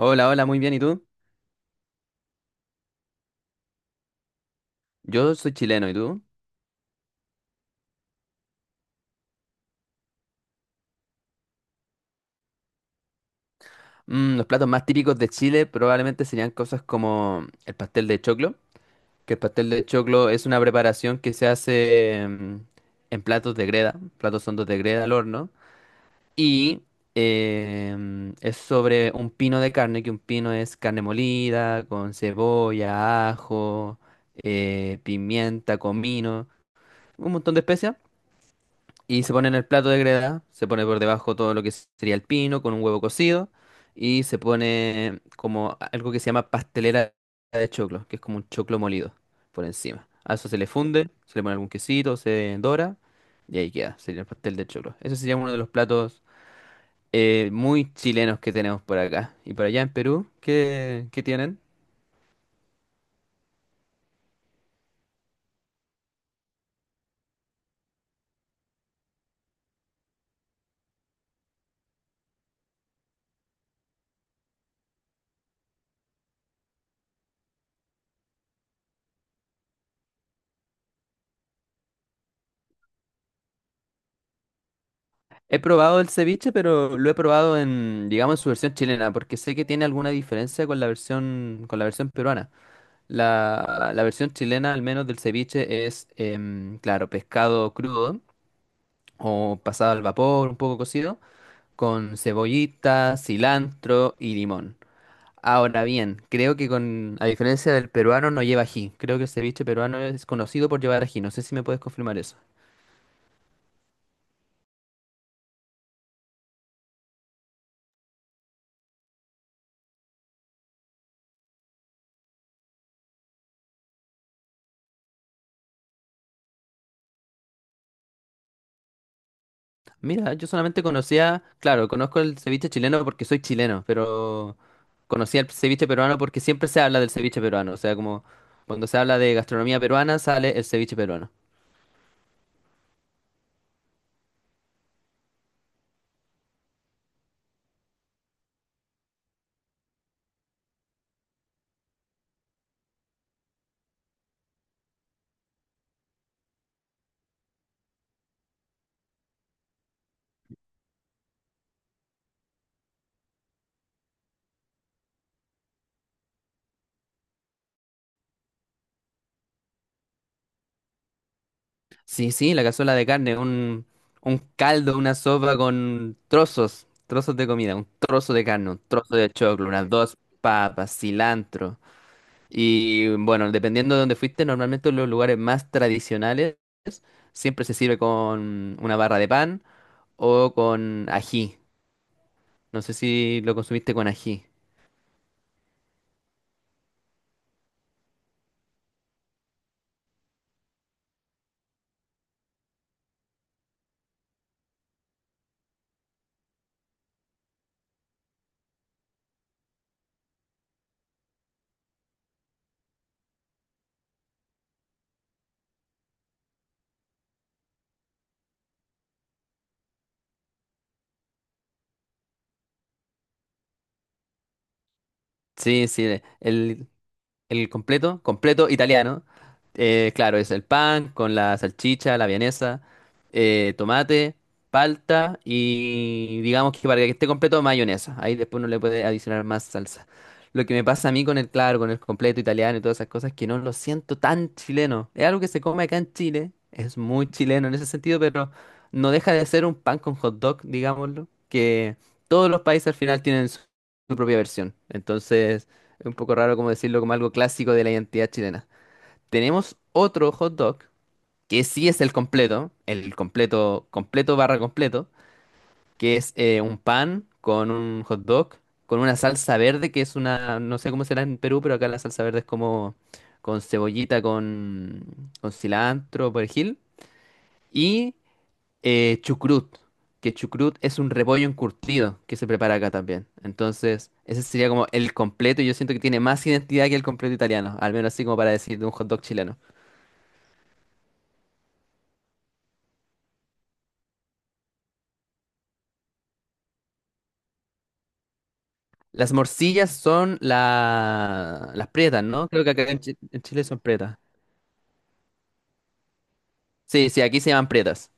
Hola, hola, muy bien. ¿Y tú? Yo soy chileno, ¿y tú? Los platos más típicos de Chile probablemente serían cosas como el pastel de choclo, que el pastel de choclo es una preparación que se hace en platos de greda, platos hondos de greda al horno, y es sobre un pino de carne, que un pino es carne molida, con cebolla, ajo, pimienta, comino, un montón de especias. Y se pone en el plato de greda, se pone por debajo todo lo que sería el pino con un huevo cocido y se pone como algo que se llama pastelera de choclo, que es como un choclo molido por encima. A eso se le funde, se le pone algún quesito, se dora y ahí queda, sería el pastel de choclo. Ese sería uno de los platos muy chilenos que tenemos por acá. Y por allá en Perú, ¿qué tienen? He probado el ceviche, pero lo he probado en, digamos, en su versión chilena, porque sé que tiene alguna diferencia con la versión peruana. La versión chilena, al menos del ceviche, es, claro, pescado crudo o pasado al vapor, un poco cocido, con cebollita, cilantro y limón. Ahora bien, creo que con, a diferencia del peruano, no lleva ají. Creo que el ceviche peruano es conocido por llevar ají. No sé si me puedes confirmar eso. Mira, yo solamente conocía, claro, conozco el ceviche chileno porque soy chileno, pero conocía el ceviche peruano porque siempre se habla del ceviche peruano. O sea, como cuando se habla de gastronomía peruana, sale el ceviche peruano. Sí, sí, la cazuela de carne, un caldo, una sopa con trozos, trozos de comida, un trozo de carne, un trozo de choclo, unas dos papas, cilantro. Y bueno, dependiendo de dónde fuiste, normalmente en los lugares más tradicionales siempre se sirve con una barra de pan o con ají. No sé si lo consumiste con ají. Sí, sí, el, El completo, completo italiano. Claro, es el pan con la salchicha, la vienesa, tomate, palta y digamos que para que esté completo, mayonesa. Ahí después uno le puede adicionar más salsa. Lo que me pasa a mí con el claro, con el completo italiano y todas esas cosas, es que no lo siento tan chileno. Es algo que se come acá en Chile, es muy chileno en ese sentido, pero no deja de ser un pan con hot dog, digámoslo, que todos los países al final tienen su su propia versión. Entonces es un poco raro como decirlo como algo clásico de la identidad chilena. Tenemos otro hot dog, que sí es el completo, completo barra completo, que es un pan con un hot dog, con una salsa verde, que es una, no sé cómo será en Perú, pero acá la salsa verde es como con cebollita, con cilantro, perejil, y chucrut, que chucrut es un repollo encurtido que se prepara acá también. Entonces, ese sería como el completo y yo siento que tiene más identidad que el completo italiano, al menos así como para decir de un hot dog chileno. Las morcillas son la... las pretas, ¿no? Creo que acá en Chile son pretas. Sí, sí, aquí se llaman pretas.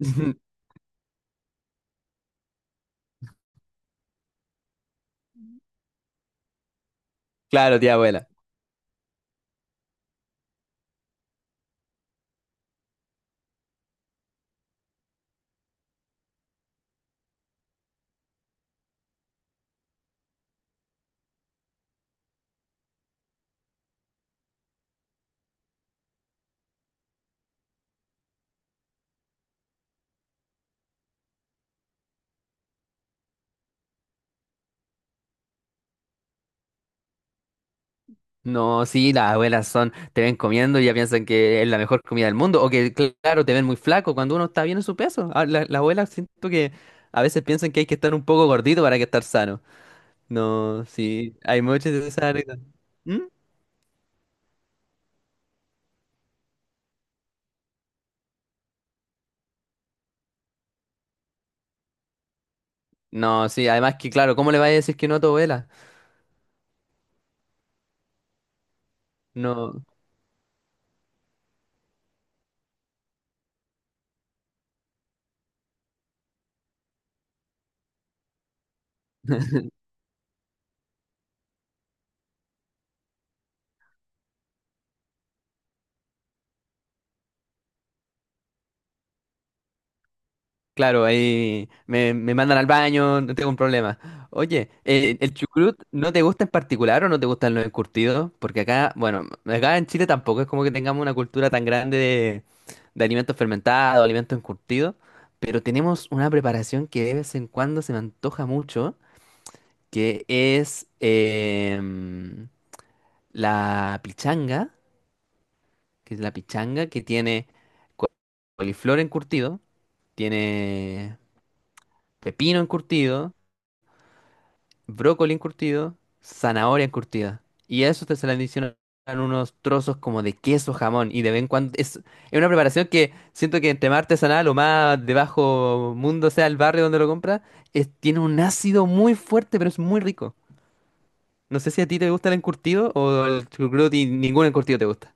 Claro, tía abuela. No, sí, las abuelas son, te ven comiendo y ya piensan que es la mejor comida del mundo, o que, claro, te ven muy flaco cuando uno está bien en su peso. Las abuelas siento que a veces piensan que hay que estar un poco gordito para que estar sano. No, sí, hay muchas de esas anécdotas. ¿Mm? No, sí, además que, claro, ¿cómo le vas a decir que no a tu abuela? No, claro, ahí me, me mandan al baño, no tengo un problema. Oye, ¿el chucrut no te gusta en particular o no te gustan los encurtidos? Porque acá, bueno, acá en Chile tampoco es como que tengamos una cultura tan grande de alimentos fermentados, alimentos encurtidos, pero tenemos una preparación que de vez en cuando se me antoja mucho, que es la pichanga, que es la pichanga que tiene coliflor encurtido, tiene pepino encurtido, brócoli encurtido, zanahoria encurtida. Y a eso te se le adicionan unos trozos como de queso jamón. Y de vez en cuando es una preparación que siento que entre más artesanal o más de bajo mundo sea el barrio donde lo compras, tiene un ácido muy fuerte, pero es muy rico. No sé si a ti te gusta el encurtido o el chucrut y ningún encurtido te gusta.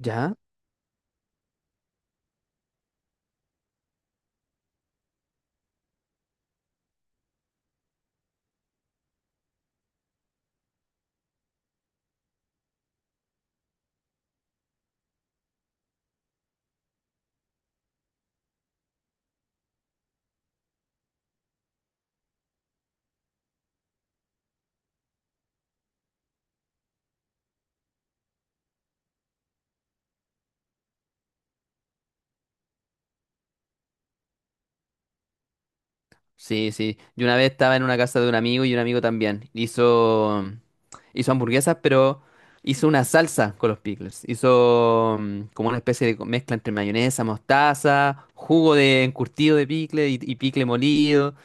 ¿Ya? Sí, sí. Yo una vez estaba en una casa de un amigo y un amigo también. Hizo. Hizo hamburguesas, pero hizo una salsa con los pickles. Hizo como una especie de mezcla entre mayonesa, mostaza, jugo de encurtido de pickle y pickle molido.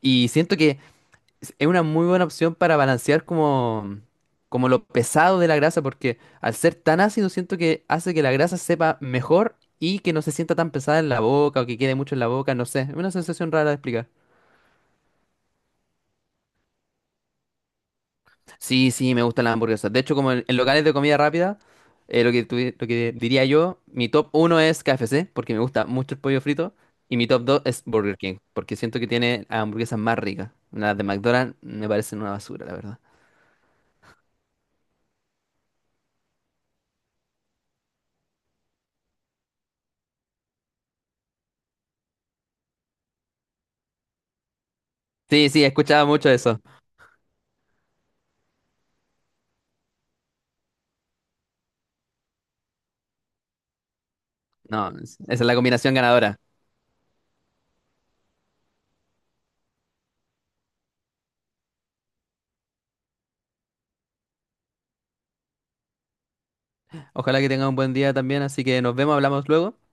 Y siento que es una muy buena opción para balancear como, como lo pesado de la grasa, porque al ser tan ácido siento que hace que la grasa sepa mejor y que no se sienta tan pesada en la boca o que quede mucho en la boca, no sé. Es una sensación rara de explicar. Sí, sí, me gustan las hamburguesas. De hecho, como en locales de comida rápida, lo que, lo que diría yo, mi top uno es KFC, porque me gusta mucho el pollo frito, y mi top 2 es Burger King, porque siento que tiene las hamburguesas más ricas. Las de McDonald's me parecen una basura, la verdad. Sí, sí, escuchaba mucho eso. No, esa es la combinación ganadora. Ojalá que tengan un buen día también, así que nos vemos, hablamos luego.